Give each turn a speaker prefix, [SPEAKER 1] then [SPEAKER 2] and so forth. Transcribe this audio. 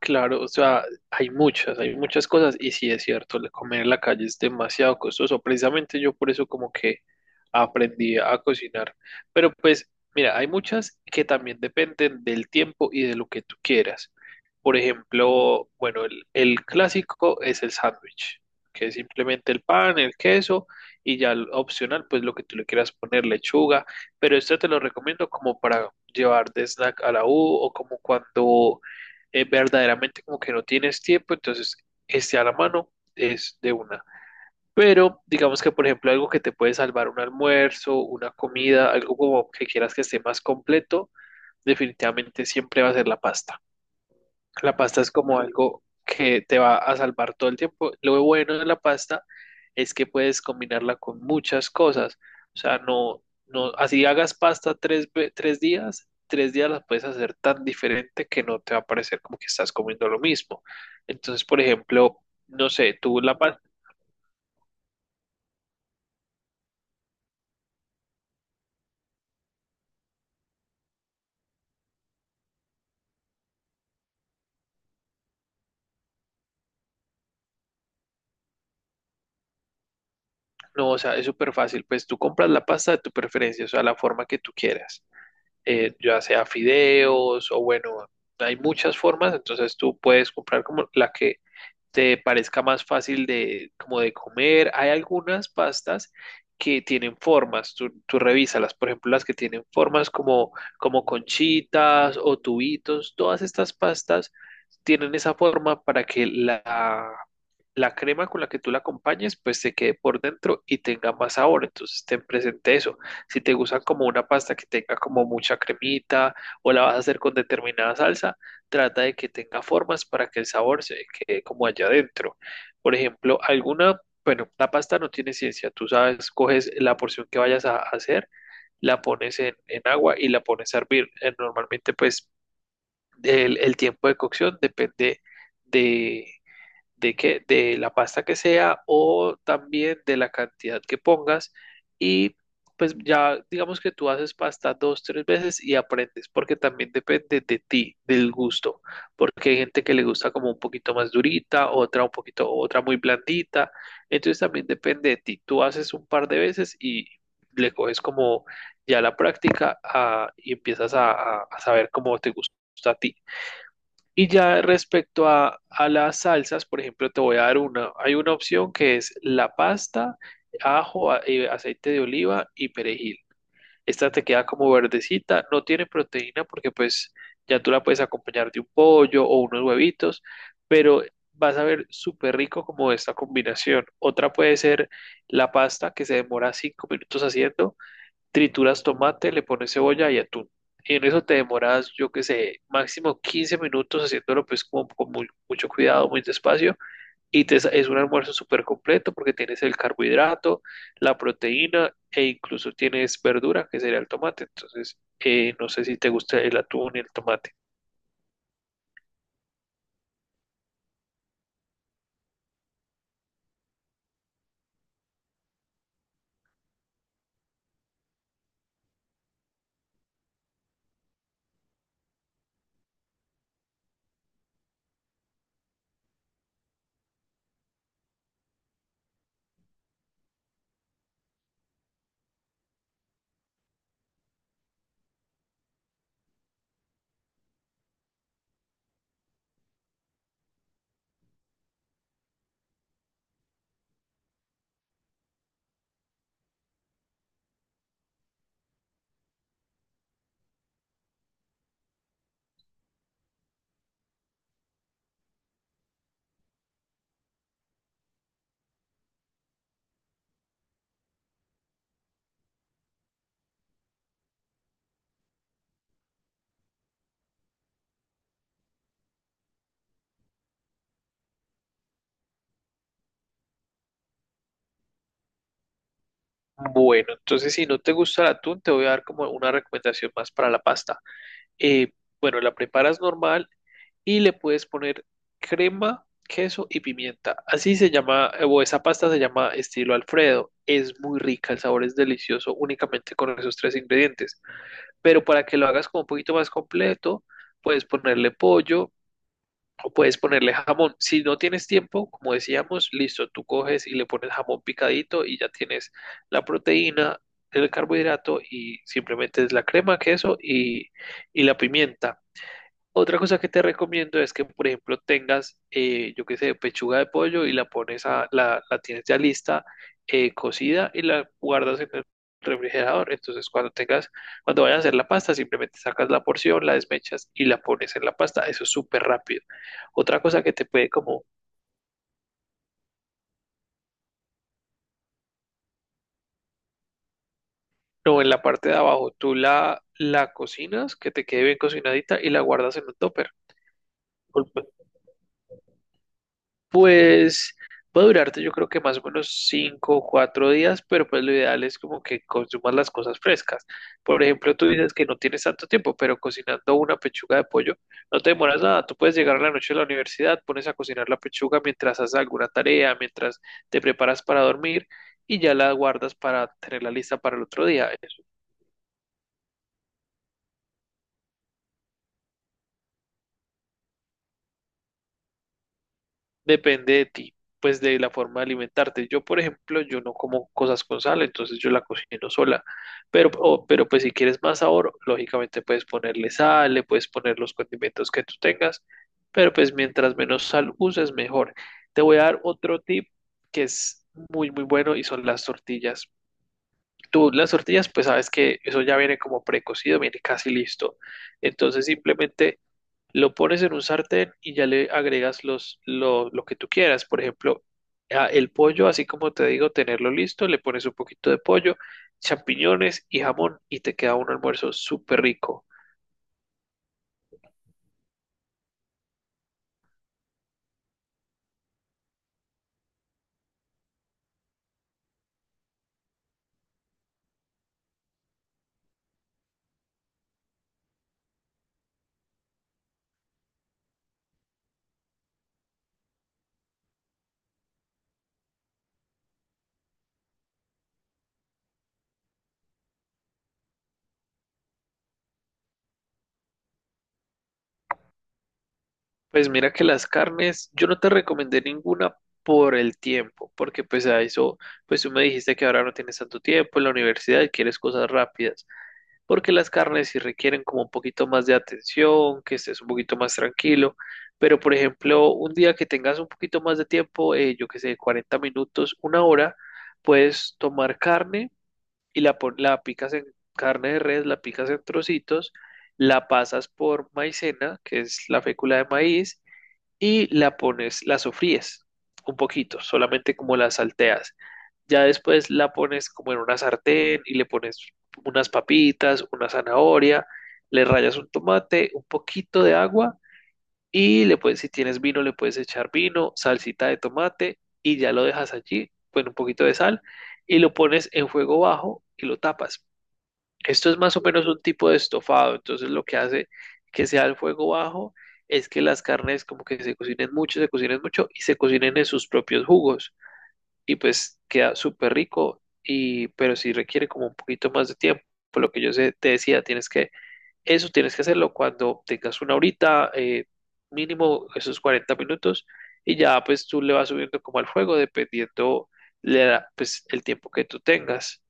[SPEAKER 1] Claro, o sea, hay muchas cosas y sí es cierto, el comer en la calle es demasiado costoso. Precisamente yo por eso como que aprendí a cocinar. Pero pues, mira, hay muchas que también dependen del tiempo y de lo que tú quieras. Por ejemplo, bueno, el clásico es el sándwich, que es simplemente el pan, el queso y ya el opcional, pues lo que tú le quieras poner, lechuga. Pero esto te lo recomiendo como para llevar de snack a la U o como cuando verdaderamente como que no tienes tiempo, entonces esté a la mano es de una. Pero digamos que, por ejemplo, algo que te puede salvar un almuerzo, una comida, algo como que quieras que esté más completo, definitivamente siempre va a ser la pasta. La pasta es como algo que te va a salvar todo el tiempo. Lo bueno de la pasta es que puedes combinarla con muchas cosas. O sea, no, no, así hagas pasta tres días las puedes hacer tan diferente que no te va a parecer como que estás comiendo lo mismo. Entonces, por ejemplo, no sé, tú la pasta, no, o sea, es súper fácil. Pues tú compras la pasta de tu preferencia, o sea, la forma que tú quieras. Ya sea fideos o bueno, hay muchas formas, entonces tú puedes comprar como la que te parezca más fácil de, como de comer. Hay algunas pastas que tienen formas, tú revísalas, por ejemplo, las que tienen formas como conchitas o tubitos, todas estas pastas tienen esa forma para que la crema con la que tú la acompañes, pues se quede por dentro y tenga más sabor. Entonces, ten presente eso. Si te gusta como una pasta que tenga como mucha cremita o la vas a hacer con determinada salsa, trata de que tenga formas para que el sabor se quede como allá adentro. Por ejemplo, alguna, bueno, la pasta no tiene ciencia. Tú sabes, coges la porción que vayas a hacer, la pones en agua y la pones a hervir. Normalmente, pues, el tiempo de cocción depende de de que de la pasta que sea o también de la cantidad que pongas y pues ya digamos que tú haces pasta dos, tres veces y aprendes, porque también depende de ti, del gusto, porque hay gente que le gusta como un poquito más durita, otra un poquito, otra muy blandita, entonces también depende de ti, tú haces un par de veces y le coges como ya la práctica, y empiezas a saber cómo te gusta a ti. Y ya respecto a las salsas, por ejemplo, te voy a dar una. Hay una opción que es la pasta, ajo, aceite de oliva y perejil. Esta te queda como verdecita, no tiene proteína porque pues ya tú la puedes acompañar de un pollo o unos huevitos, pero vas a ver súper rico como esta combinación. Otra puede ser la pasta que se demora 5 minutos haciendo, trituras tomate, le pones cebolla y atún. Y en eso te demoras, yo qué sé, máximo 15 minutos haciéndolo pues como con mucho cuidado, muy despacio. Y es un almuerzo súper completo porque tienes el carbohidrato, la proteína e incluso tienes verdura, que sería el tomate. Entonces, no sé si te gusta el atún y el tomate. Bueno, entonces si no te gusta el atún, te voy a dar como una recomendación más para la pasta. Eh, bueno, la preparas normal y le puedes poner crema, queso y pimienta. Así se llama, o esa pasta se llama estilo Alfredo. Es muy rica, el sabor es delicioso únicamente con esos tres ingredientes. Pero para que lo hagas como un poquito más completo, puedes ponerle pollo o puedes ponerle jamón. Si no tienes tiempo, como decíamos, listo, tú coges y le pones jamón picadito y ya tienes la proteína, el carbohidrato y simplemente es la crema, queso y la pimienta. Otra cosa que te recomiendo es que, por ejemplo, tengas, yo qué sé, pechuga de pollo y la pones la tienes ya lista, cocida y la guardas en el refrigerador. Entonces, cuando vayas a hacer la pasta, simplemente sacas la porción, la desmechas y la pones en la pasta. Eso es súper rápido. Otra cosa que te puede como, no, en la parte de abajo, tú la cocinas, que te quede bien cocinadita y la guardas en un topper. Pues puede durarte yo creo que más o menos 5 o 4 días, pero pues lo ideal es como que consumas las cosas frescas. Por ejemplo, tú dices que no tienes tanto tiempo, pero cocinando una pechuga de pollo no te demoras nada. Tú puedes llegar a la noche a la universidad, pones a cocinar la pechuga mientras haces alguna tarea, mientras te preparas para dormir y ya la guardas para tenerla lista para el otro día. Depende de ti, pues de la forma de alimentarte. Yo, por ejemplo, yo no como cosas con sal, entonces yo la cocino sola. Pero pues si quieres más sabor, lógicamente puedes ponerle sal, le puedes poner los condimentos que tú tengas, pero pues mientras menos sal uses, mejor. Te voy a dar otro tip que es muy, muy bueno y son las tortillas. Tú, las tortillas, pues sabes que eso ya viene como precocido, viene casi listo. Entonces simplemente lo pones en un sartén y ya le agregas lo que tú quieras. Por ejemplo, el pollo, así como te digo, tenerlo listo, le pones un poquito de pollo, champiñones y jamón y te queda un almuerzo súper rico. Pues mira que las carnes, yo no te recomendé ninguna por el tiempo, porque pues a eso, pues tú me dijiste que ahora no tienes tanto tiempo en la universidad y quieres cosas rápidas. Porque las carnes sí requieren como un poquito más de atención, que estés un poquito más tranquilo, pero por ejemplo, un día que tengas un poquito más de tiempo, yo que sé, 40 minutos, una hora, puedes tomar carne y la picas en carne de res, la picas en trocitos, la pasas por maicena, que es la fécula de maíz, y la pones, la sofríes un poquito, solamente como la salteas. Ya después la pones como en una sartén y le pones unas papitas, una zanahoria, le rayas un tomate, un poquito de agua y le puedes, si tienes vino, le puedes echar vino, salsita de tomate y ya lo dejas allí con un poquito de sal y lo pones en fuego bajo y lo tapas. Esto es más o menos un tipo de estofado, entonces lo que hace que sea el fuego bajo es que las carnes como que se cocinen mucho y se cocinen en sus propios jugos y pues queda súper rico y pero sí requiere como un poquito más de tiempo. Por lo que yo te decía, tienes que eso tienes que hacerlo cuando tengas una horita, mínimo esos 40 minutos y ya pues tú le vas subiendo como al fuego dependiendo pues el tiempo que tú tengas.